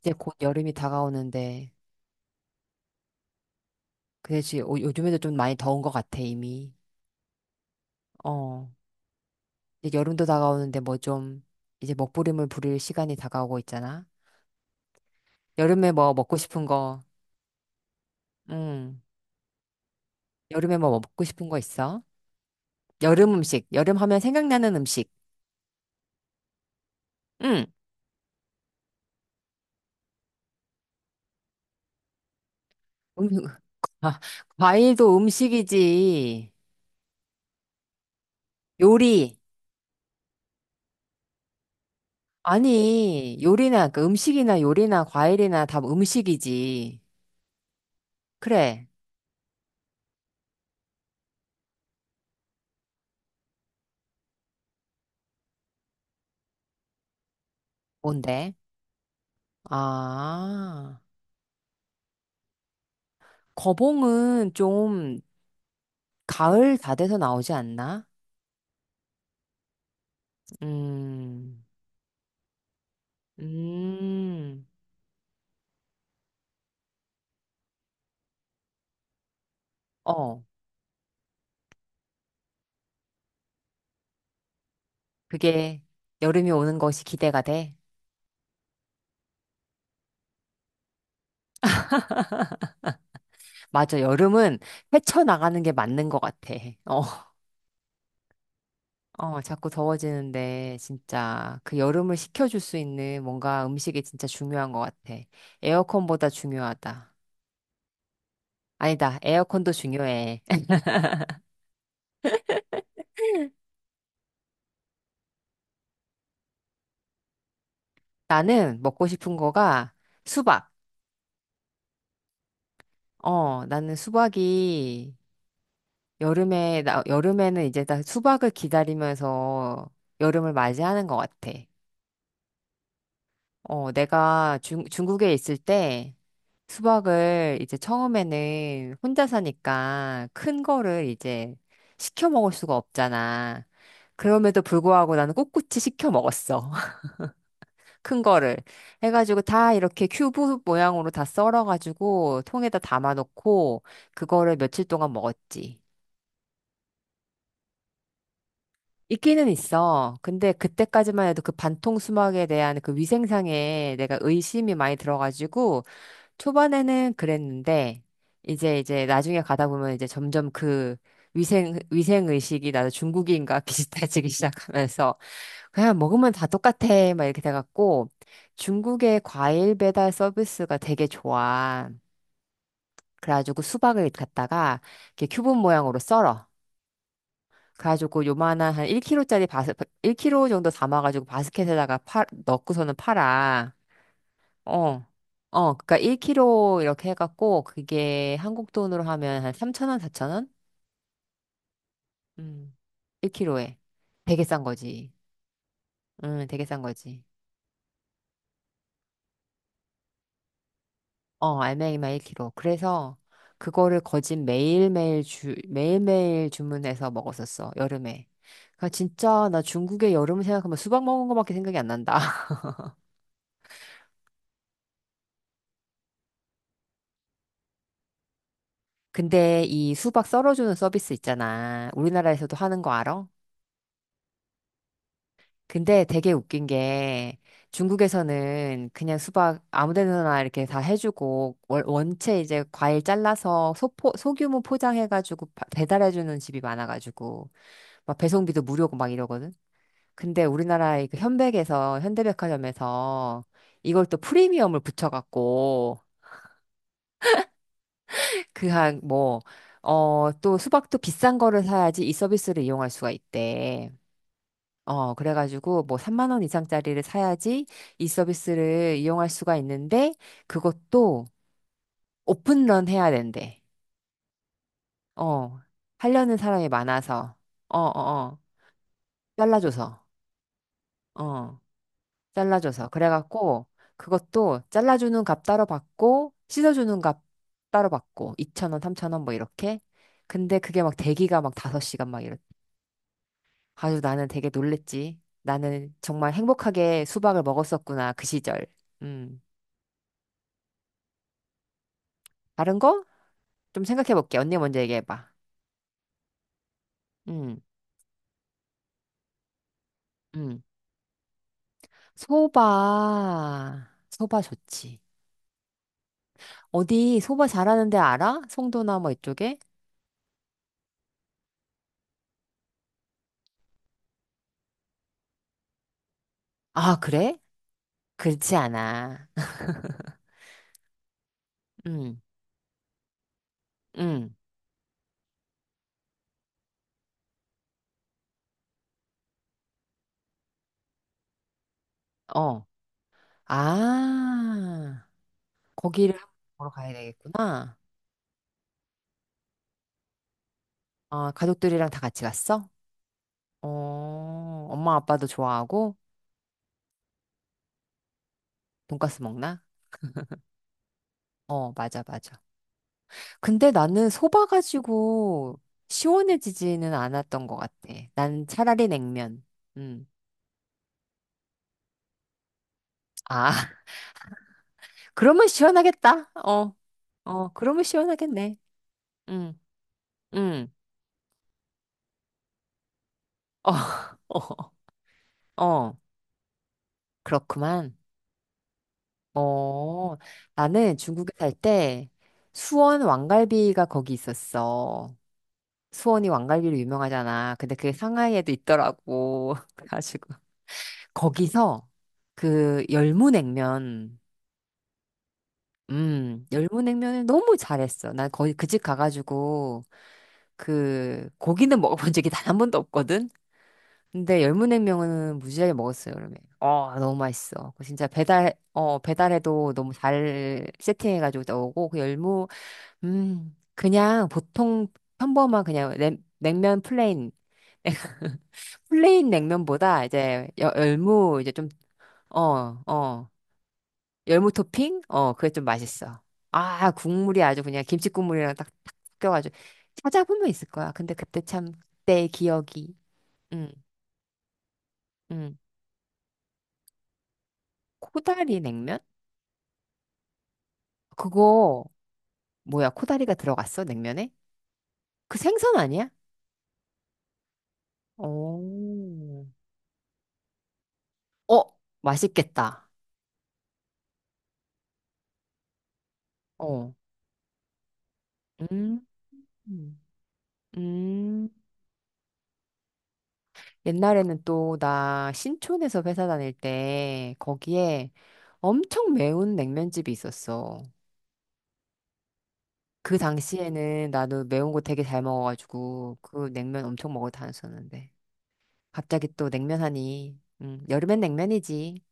이제 곧 여름이 다가오는데, 그래지 요즘에도 좀 많이 더운 것 같아, 이미. 어, 이제 여름도 다가오는데 뭐 좀, 이제 먹부림을 부릴 시간이 다가오고 있잖아. 여름에 뭐 먹고 싶은 거, 응. 여름에 뭐 먹고 싶은 거 있어? 여름 음식, 여름 하면 생각나는 음식. 응. 음, 아, 과일도 음식이지. 요리. 아니, 요리나, 그 음식이나 요리나 과일이나 다 음식이지. 그래. 뭔데? 아. 거봉은 좀 가을 다 돼서 나오지 않나? 음, 음, 어, 그게 여름이 오는 것이 기대가 돼. 맞아, 여름은 헤쳐나가는 게 맞는 것 같아. 어, 어, 자꾸 더워지는데 진짜 그 여름을 식혀줄 수 있는 뭔가 음식이 진짜 중요한 것 같아. 에어컨보다 중요하다. 아니다, 에어컨도 중요해. 나는 먹고 싶은 거가 수박. 어, 나는 수박이 여름에, 나, 여름에는 이제 다 수박을 기다리면서 여름을 맞이하는 것 같아. 어, 내가 중국에 있을 때 수박을 이제 처음에는 혼자 사니까 큰 거를 이제 시켜 먹을 수가 없잖아. 그럼에도 불구하고 나는 꿋꿋이 시켜 먹었어. 큰 거를. 해가지고 다 이렇게 큐브 모양으로 다 썰어가지고 통에다 담아놓고 그거를 며칠 동안 먹었지. 있기는 있어. 근데 그때까지만 해도 그 반통 수막에 대한 그 위생상에 내가 의심이 많이 들어가지고 초반에는 그랬는데 이제 나중에 가다 보면 이제 점점 그 위생 의식이 나도 중국인과 비슷해지기 시작하면서 그냥 먹으면 다 똑같아 막 이렇게 돼갖고 중국의 과일 배달 서비스가 되게 좋아. 그래가지고 수박을 갖다가 이렇게 큐브 모양으로 썰어. 그래가지고 요만한 한 1kg 정도 담아가지고 바스켓에다가 팔 넣고서는 팔아. 어. 어, 그니까 1kg 이렇게 해갖고, 그게 한국 돈으로 하면 한 3,000원, 4,000원? 음, 1kg에. 되게 싼 거지. 되게 싼 거지. 어, 알맹이만 1kg. 그래서 그거를 거진 매일매일 주문해서 먹었었어, 여름에. 그니까 진짜 나 중국의 여름을 생각하면 수박 먹은 거밖에 생각이 안 난다. 근데 이 수박 썰어주는 서비스 있잖아. 우리나라에서도 하는 거 알아? 근데 되게 웃긴 게 중국에서는 그냥 수박 아무 데나 이렇게 다 해주고 원체 이제 과일 잘라서 소규모 포장해가지고 배달해주는 집이 많아가지고 막 배송비도 무료고 막 이러거든. 근데 우리나라의 그 현백에서 현대백화점에서 이걸 또 프리미엄을 붙여갖고 그 한뭐 어, 또 수박도 비싼 거를 사야지 이 서비스를 이용할 수가 있대. 어, 그래가지고 뭐 3만 원 이상짜리를 사야지 이 서비스를 이용할 수가 있는데 그것도 오픈런 해야 된대. 어, 하려는 사람이 많아서. 어, 어, 어. 잘라줘서. 어, 잘라줘서. 그래갖고 그것도 잘라주는 값 따로 받고 씻어주는 값 따로 받고 2천 원, 3천 원 뭐 이렇게. 근데 그게 막 대기가 막 5시간 막 이렇. 아주 나는 되게 놀랬지. 나는 정말 행복하게 수박을 먹었었구나. 그 시절. 음. 다른 거? 좀 생각해 볼게. 언니 먼저 얘기해 봐. 음, 음. 소바. 소바 좋지. 어디 소바 잘하는 데 알아? 송도나 뭐 이쪽에? 아, 그래? 그렇지 않아. 음, 음, 어. 아, 거기를 한번 보러 가야 되겠구나. 아, 가족들이랑 다 같이 갔어? 어, 엄마 아빠도 좋아하고 돈까스 먹나? 어, 맞아, 맞아. 근데 나는 소바 가지고 시원해지지는 않았던 것 같아. 난 차라리 냉면. 음. 아, 그러면 시원하겠다. 어, 어, 그러면 시원하겠네. 응. 응. 어, 어, 어, 그렇구만. 어, 나는 중국에 살 때 수원 왕갈비가 거기 있었어. 수원이 왕갈비로 유명하잖아. 근데 그게 상하이에도 있더라고. 그래가지고 거기서 그 열무냉면 열무냉면을 너무 잘했어. 난 거의 그 집 가가지고 그 고기는 먹어본 적이 단 한 번도 없거든. 근데 열무냉면은 무지하게 먹었어요, 여름에. 어, 너무 맛있어. 그 진짜 배달, 어, 배달해도 너무 잘 세팅해가지고 나오고 그 열무, 그냥 보통 평범한 그냥 냉면 플레인 플레인 냉면보다 이제 열무 이제 좀 어, 어. 열무 토핑? 어, 그게 좀 맛있어. 아, 국물이 아주 그냥 김치 국물이랑 딱, 딱 섞여가지고. 찾아보면 있을 거야. 근데 그때 참, 그때의 기억이. 응, 응. 코다리 냉면? 그거, 뭐야, 코다리가 들어갔어? 냉면에? 그 생선 아니야? 오. 어, 맛있겠다. 어. 음. 음. 음. 옛날에는 또 나 신촌에서 회사 다닐 때 거기에 엄청 매운 냉면집이 있었어. 그 당시에는 나도 매운 거 되게 잘 먹어가지고 그 냉면 엄청 먹어 다녔었는데 갑자기 또 냉면 하니 여름엔 냉면이지.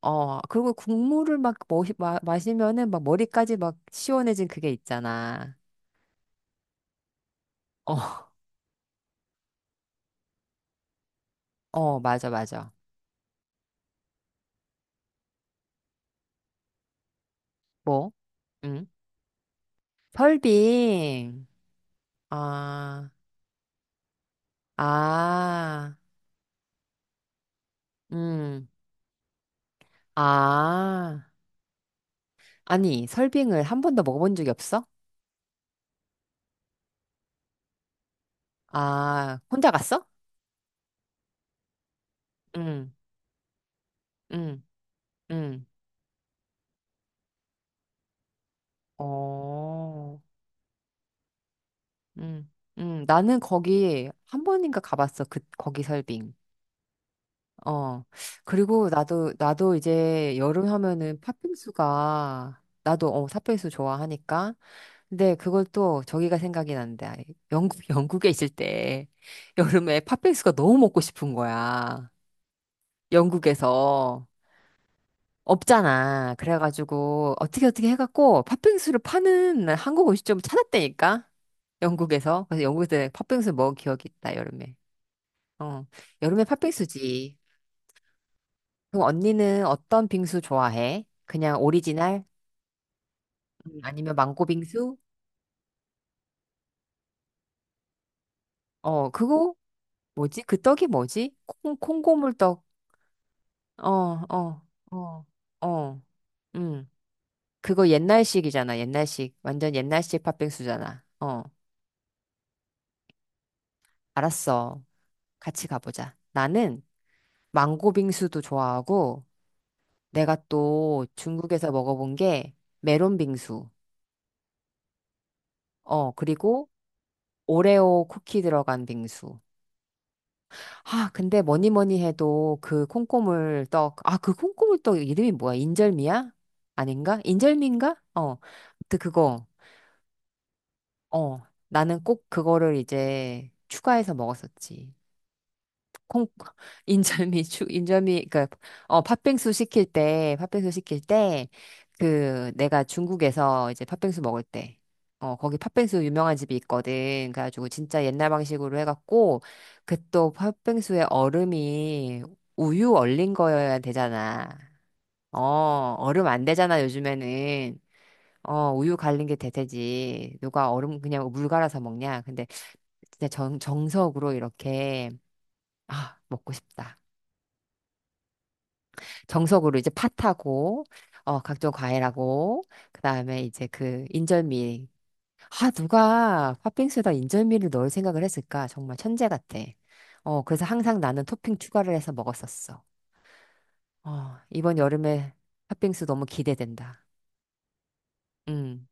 어, 그리고 국물을 막 마시면은 막 머리까지 막 시원해진 그게 있잖아. 어, 어, 맞아, 맞아. 뭐? 응? 설빙. 아, 아, 음, 아. 아니, 설빙을 한 번도 먹어본 적이 없어? 아, 혼자 갔어? 응, 응, 응. 어, 음, 나는 거기 한 번인가 가봤어. 그, 거기 설빙. 어. 그리고 나도, 나도 이제 여름 하면은 팥빙수가, 나도, 어, 팥빙수 좋아하니까. 근데 그걸 또 저기가 생각이 난다. 영국, 영국에 있을 때 여름에 팥빙수가 너무 먹고 싶은 거야. 영국에서. 없잖아. 그래가지고 어떻게 어떻게 해갖고 팥빙수를 파는 한국 음식점을 찾았다니까. 영국에서. 그래서 영국에서 팥빙수 먹은 기억이 있다, 여름에. 어. 여름에 팥빙수지. 그럼 언니는 어떤 빙수 좋아해? 그냥 오리지널? 아니면 망고 빙수? 어, 그거 뭐지? 그 떡이 뭐지? 콩고물떡. 어, 어, 어, 어. 음. 그거 옛날식이잖아, 옛날식. 완전 옛날식 팥빙수잖아. 어. 알았어. 같이 가보자. 나는 망고 빙수도 좋아하고, 내가 또 중국에서 먹어본 게 메론 빙수. 어, 그리고 오레오 쿠키 들어간 빙수. 아, 근데 뭐니 뭐니 해도 그 콩고물 떡, 아, 그 콩고물 떡 이름이 뭐야? 인절미야? 아닌가? 인절미인가? 어, 아무튼 그거. 어, 나는 꼭 그거를 이제 추가해서 먹었었지. 콩 인절미 그어 팥빙수 시킬 때. 그 내가 중국에서 이제 팥빙수 먹을 때 어 거기 팥빙수 유명한 집이 있거든. 그래가지고 진짜 옛날 방식으로 해갖고 그 또 팥빙수에 얼음이 우유 얼린 거여야 되잖아. 어, 얼음 안 되잖아 요즘에는. 어, 우유 갈린 게 대세지. 누가 얼음 그냥 물 갈아서 먹냐. 근데 진짜 정 정석으로 이렇게 아 먹고 싶다. 정석으로 이제 팥하고 어 각종 과일하고 그다음에 이제 그 인절미 아 누가 팥빙수에다 인절미를 넣을 생각을 했을까. 정말 천재 같아. 어, 그래서 항상 나는 토핑 추가를 해서 먹었었어. 어, 이번 여름에 팥빙수 너무 기대된다. 음.